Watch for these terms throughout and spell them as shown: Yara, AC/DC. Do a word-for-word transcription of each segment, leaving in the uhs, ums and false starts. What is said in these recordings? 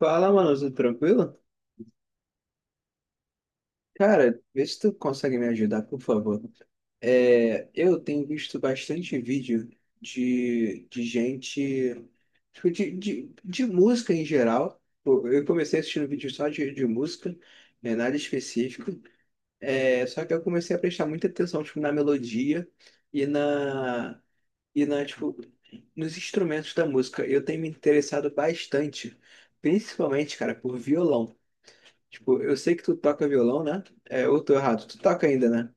Fala, mano, tudo tranquilo? Cara, vê se tu consegue me ajudar, por favor. É, eu tenho visto bastante vídeo de, de gente, tipo, de, de, de música em geral. Pô, eu comecei assistindo vídeo só de, de música, né, nada específico. É, só que eu comecei a prestar muita atenção, tipo, na melodia e na, e na, tipo, nos instrumentos da música. Eu tenho me interessado bastante, principalmente, cara, por violão. Tipo, eu sei que tu toca violão, né? É, ou tô errado, tu toca ainda, né?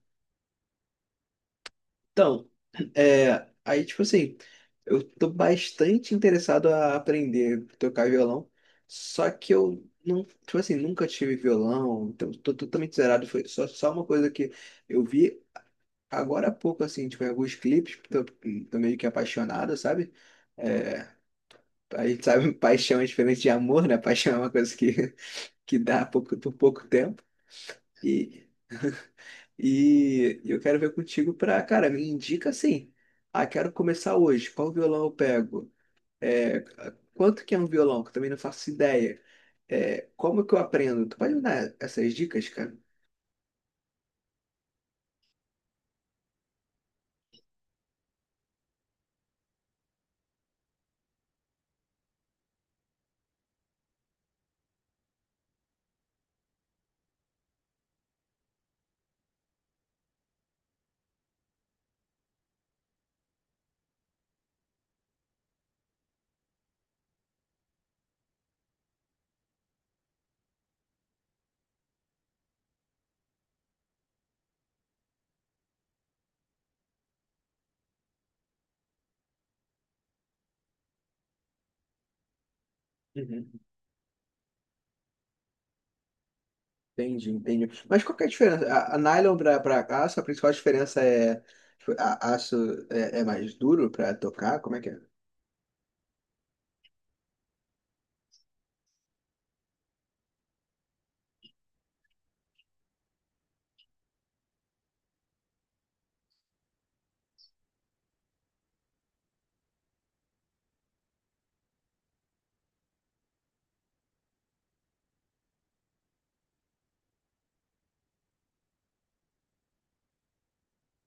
Então, é, aí, tipo assim, eu tô bastante interessado a aprender a tocar violão, só que eu não, tipo assim, nunca tive violão, então tô totalmente zerado. Foi só, só uma coisa que eu vi agora há pouco, assim, tipo, em alguns clipes, tô, tô meio que apaixonado, sabe? É, a gente sabe, paixão é diferente de amor, né? Paixão é uma coisa que, que dá pouco, por pouco tempo. e E eu quero ver contigo pra, cara, me indica assim. Ah, quero começar hoje. Qual violão eu pego? É, quanto que é um violão? Que eu também não faço ideia. É, como que eu aprendo? Tu pode me dar essas dicas, cara? Uhum. Entendi, entendi. Mas qual que é a diferença? A, a nylon pra, pra aço, a principal diferença é tipo, a, aço é, é mais duro pra tocar? Como é que é?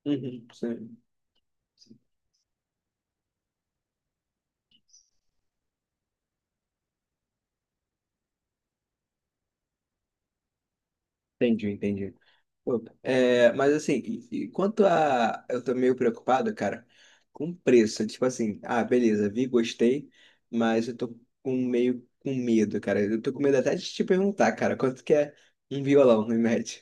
Uhum. Sim. Entendi, entendi. Pô, É, mas assim, e- e quanto a. Eu tô meio preocupado, cara, com preço. Tipo assim, ah, beleza, vi, gostei, mas eu tô com meio com medo, cara. Eu tô com medo até de te perguntar, cara, quanto que é um violão, em média?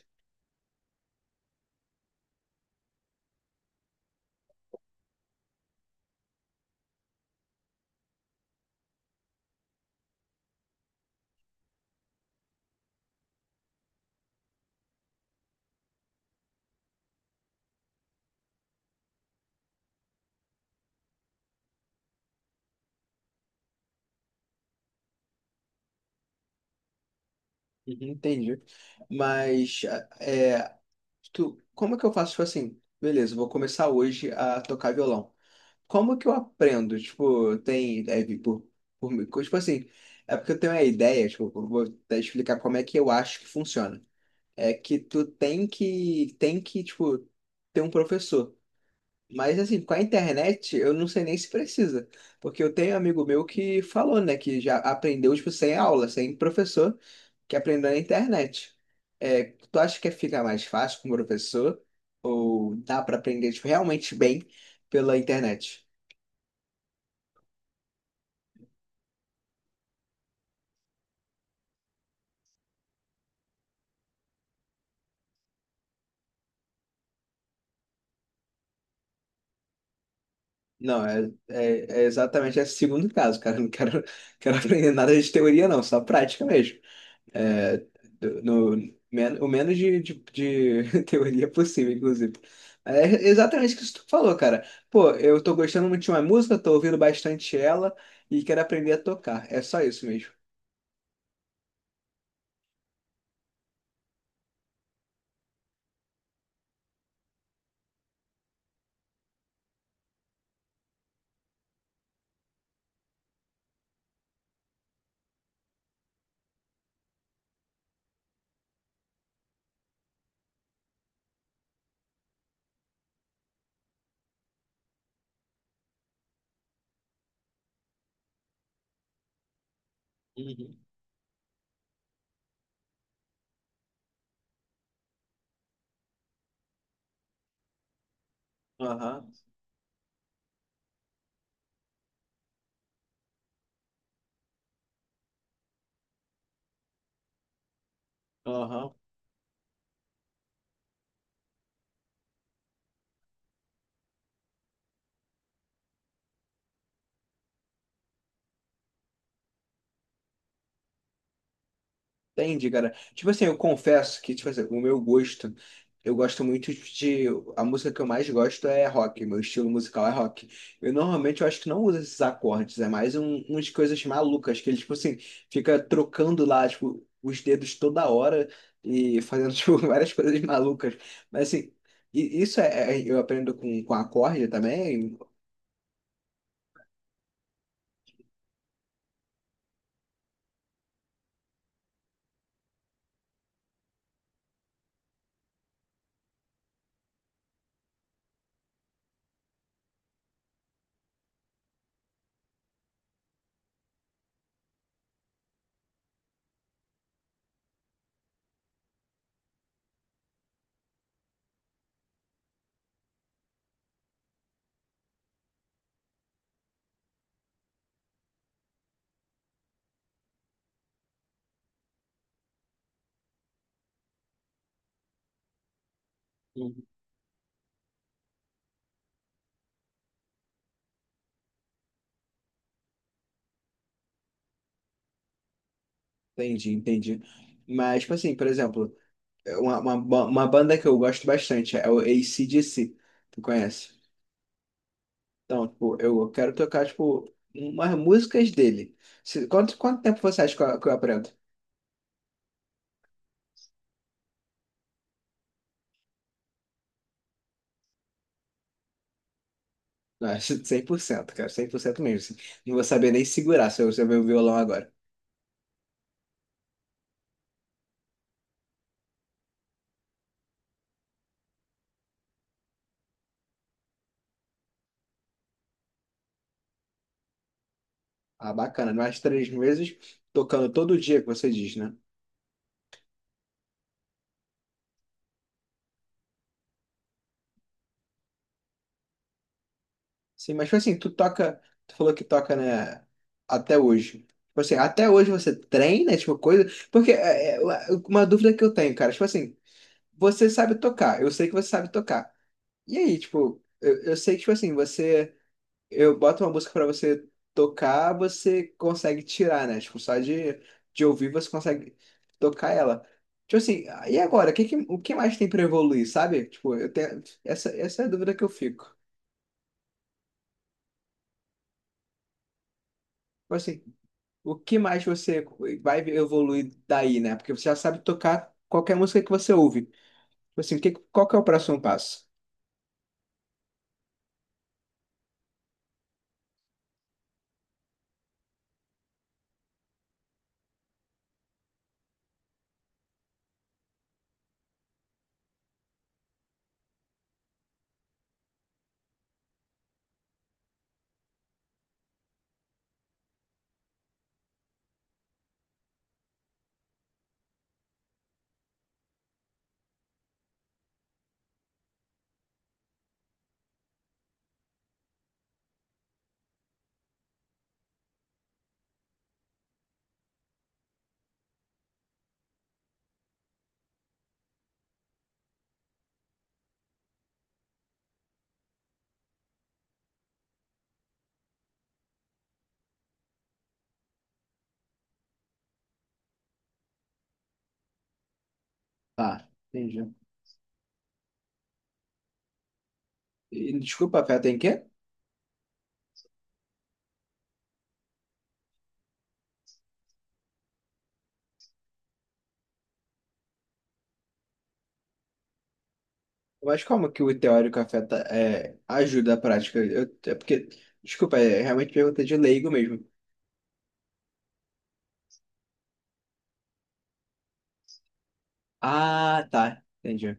Uhum, entendi. Mas, é, tu, como é que eu faço, tipo assim, beleza, eu vou começar hoje a tocar violão. Como que eu aprendo? Tipo, tem. É, vi- por, por, mim. Tipo assim, é porque eu tenho uma ideia, tipo, eu vou até explicar como é que eu acho que funciona. É que tu tem que, tem que, tipo, ter um professor. Mas assim, com a internet, eu não sei nem se precisa. Porque eu tenho um amigo meu que falou, né, que já aprendeu, tipo, sem aula, sem professor, que aprendeu na internet. É, tu acha que fica mais fácil com o professor? Ou dá pra aprender, tipo, realmente bem pela internet? Não, é, é, é exatamente esse segundo caso, cara. Eu Não quero, quero aprender nada de teoria, não, só prática mesmo. É, do- no, men- O menos de, de, de teoria possível, inclusive. É exatamente o que tu falou, cara. Pô, eu tô gostando muito de uma música, tô ouvindo bastante ela e quero aprender a tocar. É só isso mesmo. Uhum. Aham, aham. Entendi, cara. Tipo assim, eu confesso que, tipo assim, o meu gosto, eu gosto muito de. A música que eu mais gosto é rock, meu estilo musical é rock. Eu normalmente eu acho que não uso esses acordes, é mais um, umas coisas malucas, que ele, tipo assim, fica trocando lá, tipo, os dedos toda hora e fazendo, tipo, várias coisas malucas. Mas assim, e- isso é, é- eu aprendo com, com acorde também. Uhum. Entendi, entendi. Mas, tipo assim, por exemplo. É Uma, uma, ba- uma banda que eu gosto bastante é o A C/D C. Tu conhece? Então, tipo, eu quero tocar, tipo, umas músicas dele. Se- Quanto, quanto tempo você acha que eu, que eu aprendo? Ah, cem por cento, cara, cem por cento mesmo. Assim. Não vou saber nem segurar se eu, se eu ver o violão agora. Ah, bacana, mais três meses tocando todo dia, que você diz, né? Sim, mas tipo assim, tu toca, tu falou que toca, né, até hoje. Tipo assim, até hoje você treina, tipo, coisa. Porque é, é, uma dúvida que eu tenho, cara, tipo assim. Você sabe tocar, eu sei que você sabe tocar. E aí, tipo, eu, eu sei que, tipo assim, você. Eu boto uma música pra você tocar, você consegue tirar, né? Tipo, só de, de ouvir você consegue tocar ela. Tipo assim, "Ah, e agora? O que, que- o que mais tem pra evoluir, sabe? Tipo, eu tenho. Essa, essa é a dúvida que eu fico. Tipo assim, o que, mais você vai evoluir daí, né? Porque você já sabe tocar qualquer música que você ouve. Tipo assim, o que, qual que é o próximo passo? Tá, entendi. E, desculpa, Fé, tem quê? Mas como que o teórico afeta, é, ajuda a prática? Eu, é porque, desculpa, é realmente pergunta de leigo mesmo. Ah, tá, entendi.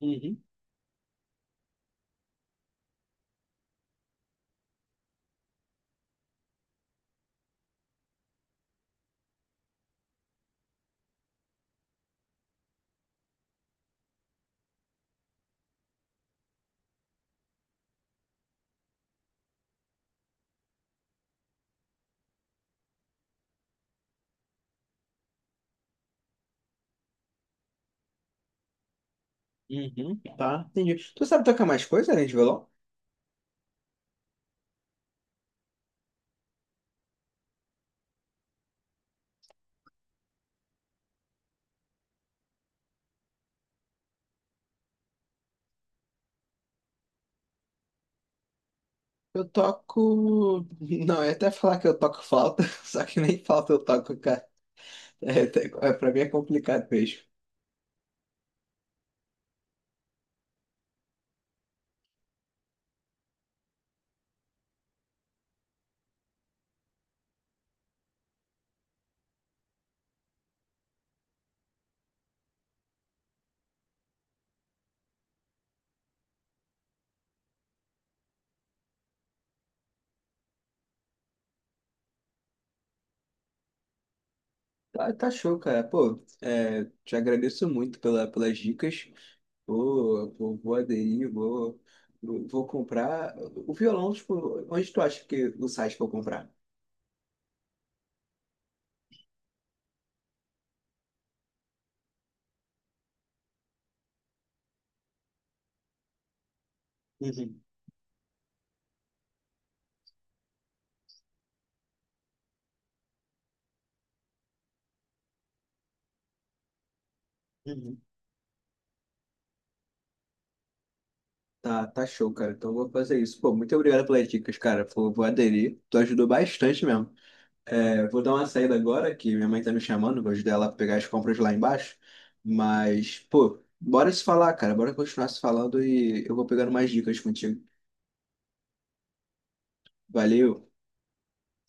Uhum, uhum, tá, entendi. Tu sabe tocar mais coisa além de violão? Eu toco. Não, eu ia até falar que eu toco flauta, só que nem flauta eu toco, cara. É, até- é, pra mim é complicado mesmo. Tá, tá show, cara. Pô, é, te agradeço muito pela, pelas dicas. Vou, vou, vou aderir, vou, vou vou comprar. O violão, tipo, onde tu acha que o site que eu comprar? Uhum, uhum. Tá, tá show, cara. Então eu vou fazer isso. Pô, muito obrigado pelas dicas, cara. Vou, vou aderir. Tu ajudou bastante mesmo. É, vou dar uma saída agora, que minha mãe tá me chamando. Vou ajudar ela a pegar as compras lá embaixo. Mas, pô, bora se falar, cara. Bora continuar se falando e eu vou pegando mais dicas contigo. Valeu.